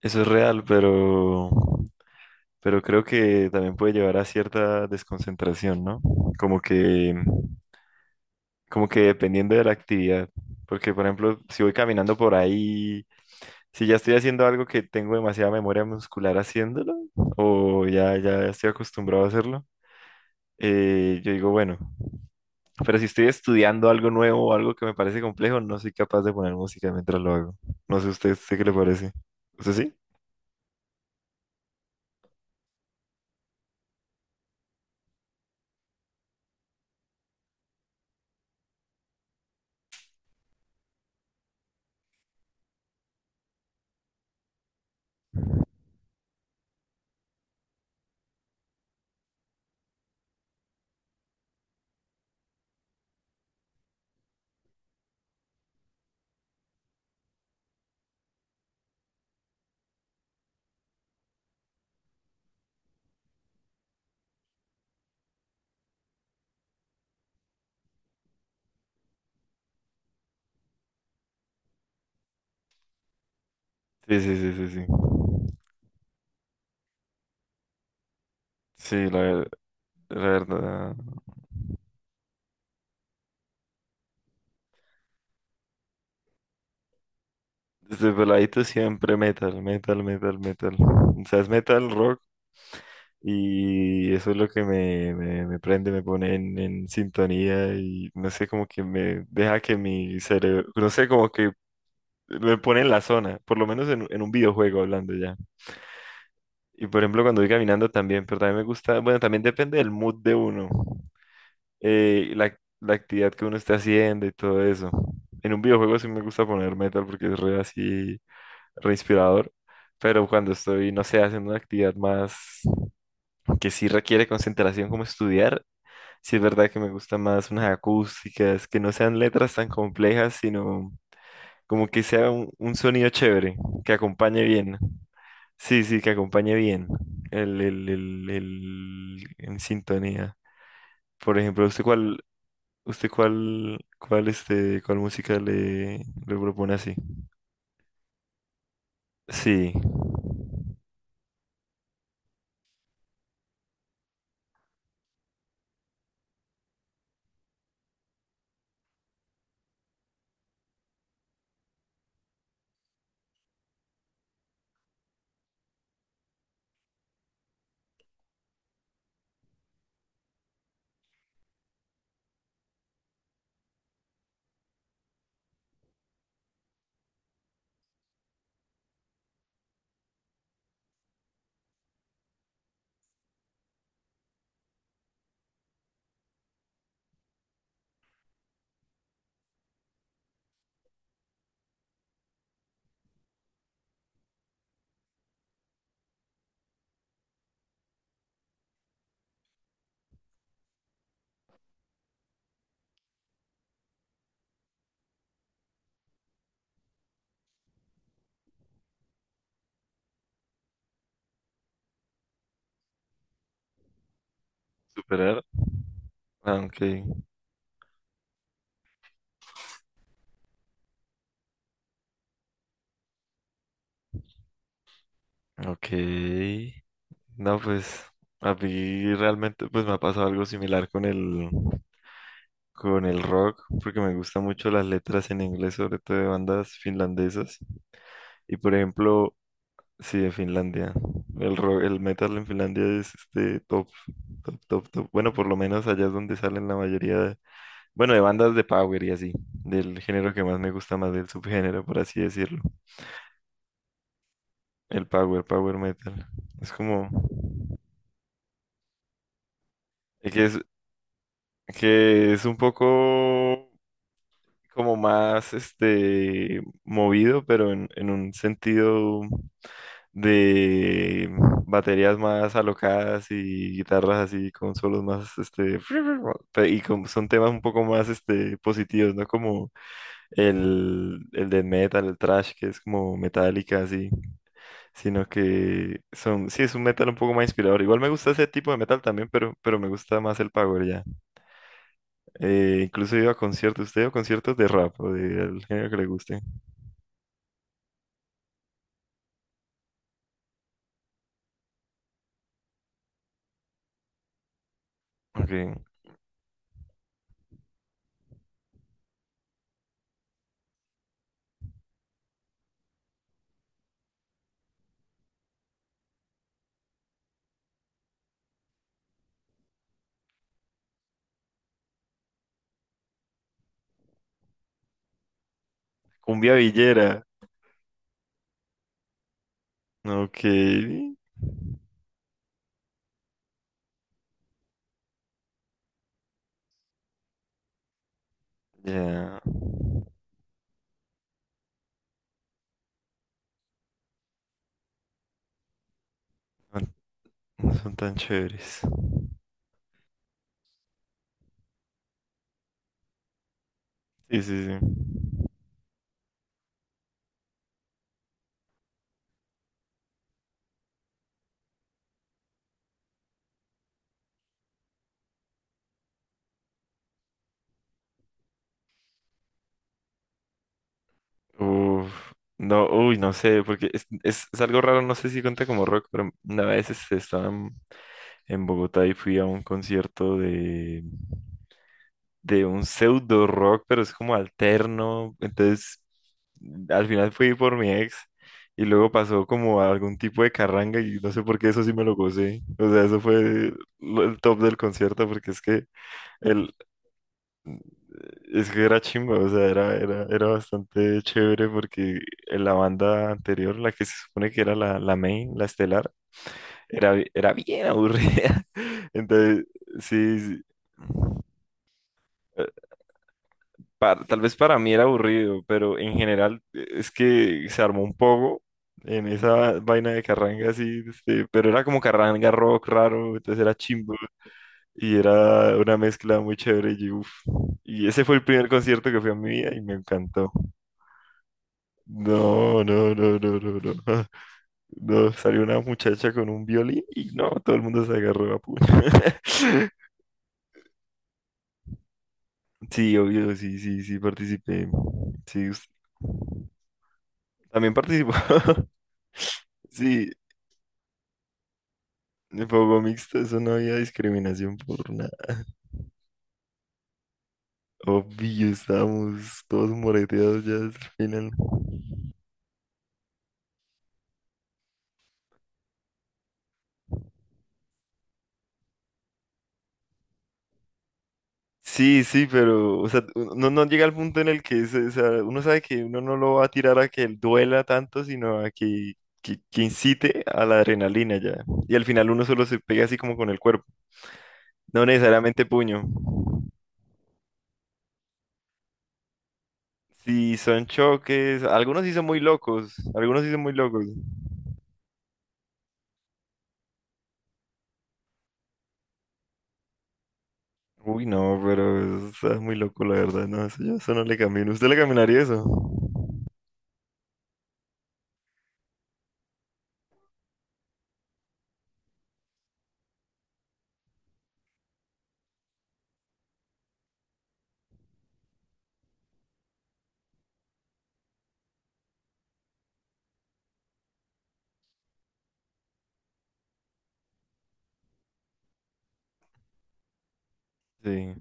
Eso es real, pero creo que también puede llevar a cierta desconcentración, ¿no? Como que, como que dependiendo de la actividad. Porque, por ejemplo, si voy caminando por ahí, si ya estoy haciendo algo que tengo demasiada memoria muscular haciéndolo, o ya estoy acostumbrado a hacerlo, yo digo, bueno, pero si estoy estudiando algo nuevo o algo que me parece complejo, no soy capaz de poner música mientras lo hago. No sé usted, ¿usted qué le parece? ¿Usted sí? Sí, sí, sí, sí, sí. Sí, la, La verdad, desde peladito siempre metal, metal, metal, metal. O sea, es metal, rock, y eso es lo que me prende, me pone en sintonía y no sé, como que me deja que mi cerebro, no sé, como que me pone en la zona, por lo menos en un videojuego hablando ya. Y por ejemplo, cuando voy caminando también, pero también me gusta, bueno, también depende del mood de uno, la actividad que uno esté haciendo y todo eso. En un videojuego sí me gusta poner metal porque es re así. Respirador, pero cuando estoy, no sé, haciendo una actividad más que sí requiere concentración como estudiar, sí es verdad que me gustan más unas acústicas, que no sean letras tan complejas, sino como que sea un sonido chévere, que acompañe bien. Sí, sí, que acompañe bien en sintonía. Por ejemplo, usted este, ¿cuál música le propone así? Sí, superar. Ah, aunque, ok, no, pues a mí realmente pues me ha pasado algo similar con con el rock, porque me gustan mucho las letras en inglés, sobre todo de bandas finlandesas. Y por ejemplo, sí, de Finlandia. El rock, el metal en Finlandia es este top, top, top, top. Bueno, por lo menos allá es donde salen la mayoría de, bueno, de bandas de power y así, del género que más me gusta más, del subgénero, por así decirlo. El power, power metal. Es como... Es que es, que es un poco como más este movido, pero en un sentido de baterías más alocadas y guitarras así con solos más este pe- y como son temas un poco más este positivos, ¿no? Como el de metal, el thrash que es como metálica así, sino que son sí es un metal un poco más inspirador. Igual me gusta ese tipo de metal también, pero me gusta más el power ya. Incluso iba a conciertos, usted iba a conciertos de rap o del género que le guste. Ok. Cumbia villera. Ok. Ya. No, no son tan chéveres. Sí, sí, sí. Uf. No, uy, no sé, porque es algo raro, no sé si cuenta como rock, pero una vez este, estaba en Bogotá y fui a un concierto de un pseudo rock, pero es como alterno. Entonces, al final fui por mi ex y luego pasó como a algún tipo de carranga y no sé por qué eso sí me lo gocé. O sea, eso fue lo- el top del concierto porque es que el es que era chimba, o sea, era bastante chévere porque en la banda anterior, la que se supone que era la main, la estelar, era bi- era bien aburrida. Entonces, sí, sí. Pa- tal vez para mí era aburrido, pero en general, es que se armó un poco en esa vaina de carranga así, este, pero era como carranga rock raro, entonces era chimbo y era una mezcla muy chévere y uff. Y ese fue el primer concierto que fui en mi vida y me encantó. No, no, no, no, no, no. No, salió una muchacha con un violín y no, todo el mundo se agarró a puño. Sí, obvio, sí, sí, sí, participé. Sí, us- también participó. Sí, de fuego mixto, eso no había discriminación por nada. Obvio, estábamos todos moreteados ya hasta el final. Sí, sí, pero, o sea, no llega al punto en el que se- o sea, uno sabe que uno no lo va a tirar a que duela tanto, sino a que incite a la adrenalina ya. Y al final uno solo se pega así como con el cuerpo, no necesariamente puño. Sí, son choques, algunos sí son muy locos, algunos sí son muy locos. Uy, no, pero eso es muy loco, la verdad. No, eso yo eso no le camino. ¿Usted le caminaría eso? Sí.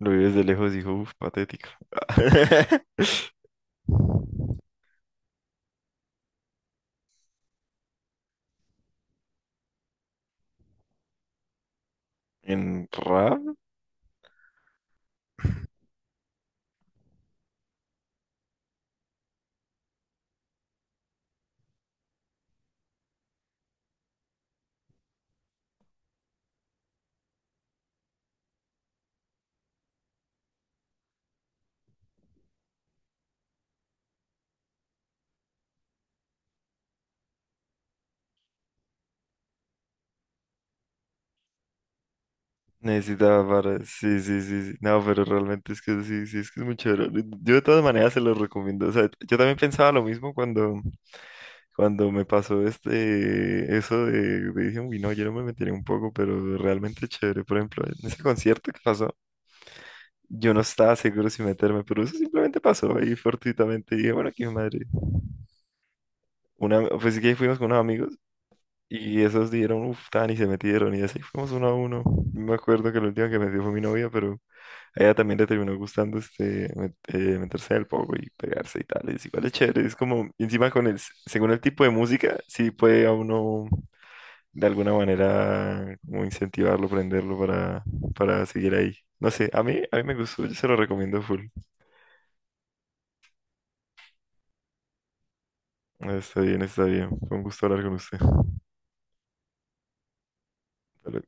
Lo vi desde lejos y dijo, uff, patético. ¿En rap? Necesitaba para... Sí, sí, sí, sí. No, pero realmente es que sí, sí, es que es muy chévere. Yo de todas maneras se lo recomiendo. O sea, yo también pensaba lo mismo cuando, cuando me pasó este... eso de dije, uy, no, yo no me metería un poco, pero realmente es chévere. Por ejemplo, en ese concierto que pasó. Yo no estaba seguro si meterme, pero eso simplemente pasó ahí fortuitamente. Y dije, bueno, aquí en Madrid una, pues sí que fuimos con unos amigos y esos dieron, uff, tan y se metieron y así fuimos uno a uno. Me acuerdo que la última que metió fue mi novia, pero a ella también le terminó gustando este, met- meterse en poco y pegarse y tal. Es igual es chévere, es como, y encima con el, s- según el tipo de música, sí puede a uno de alguna manera como incentivarlo, prenderlo para seguir ahí. No sé, a mí me gustó, yo se lo recomiendo full. Está bien, está bien. Fue un gusto hablar con usted. Hasta luego.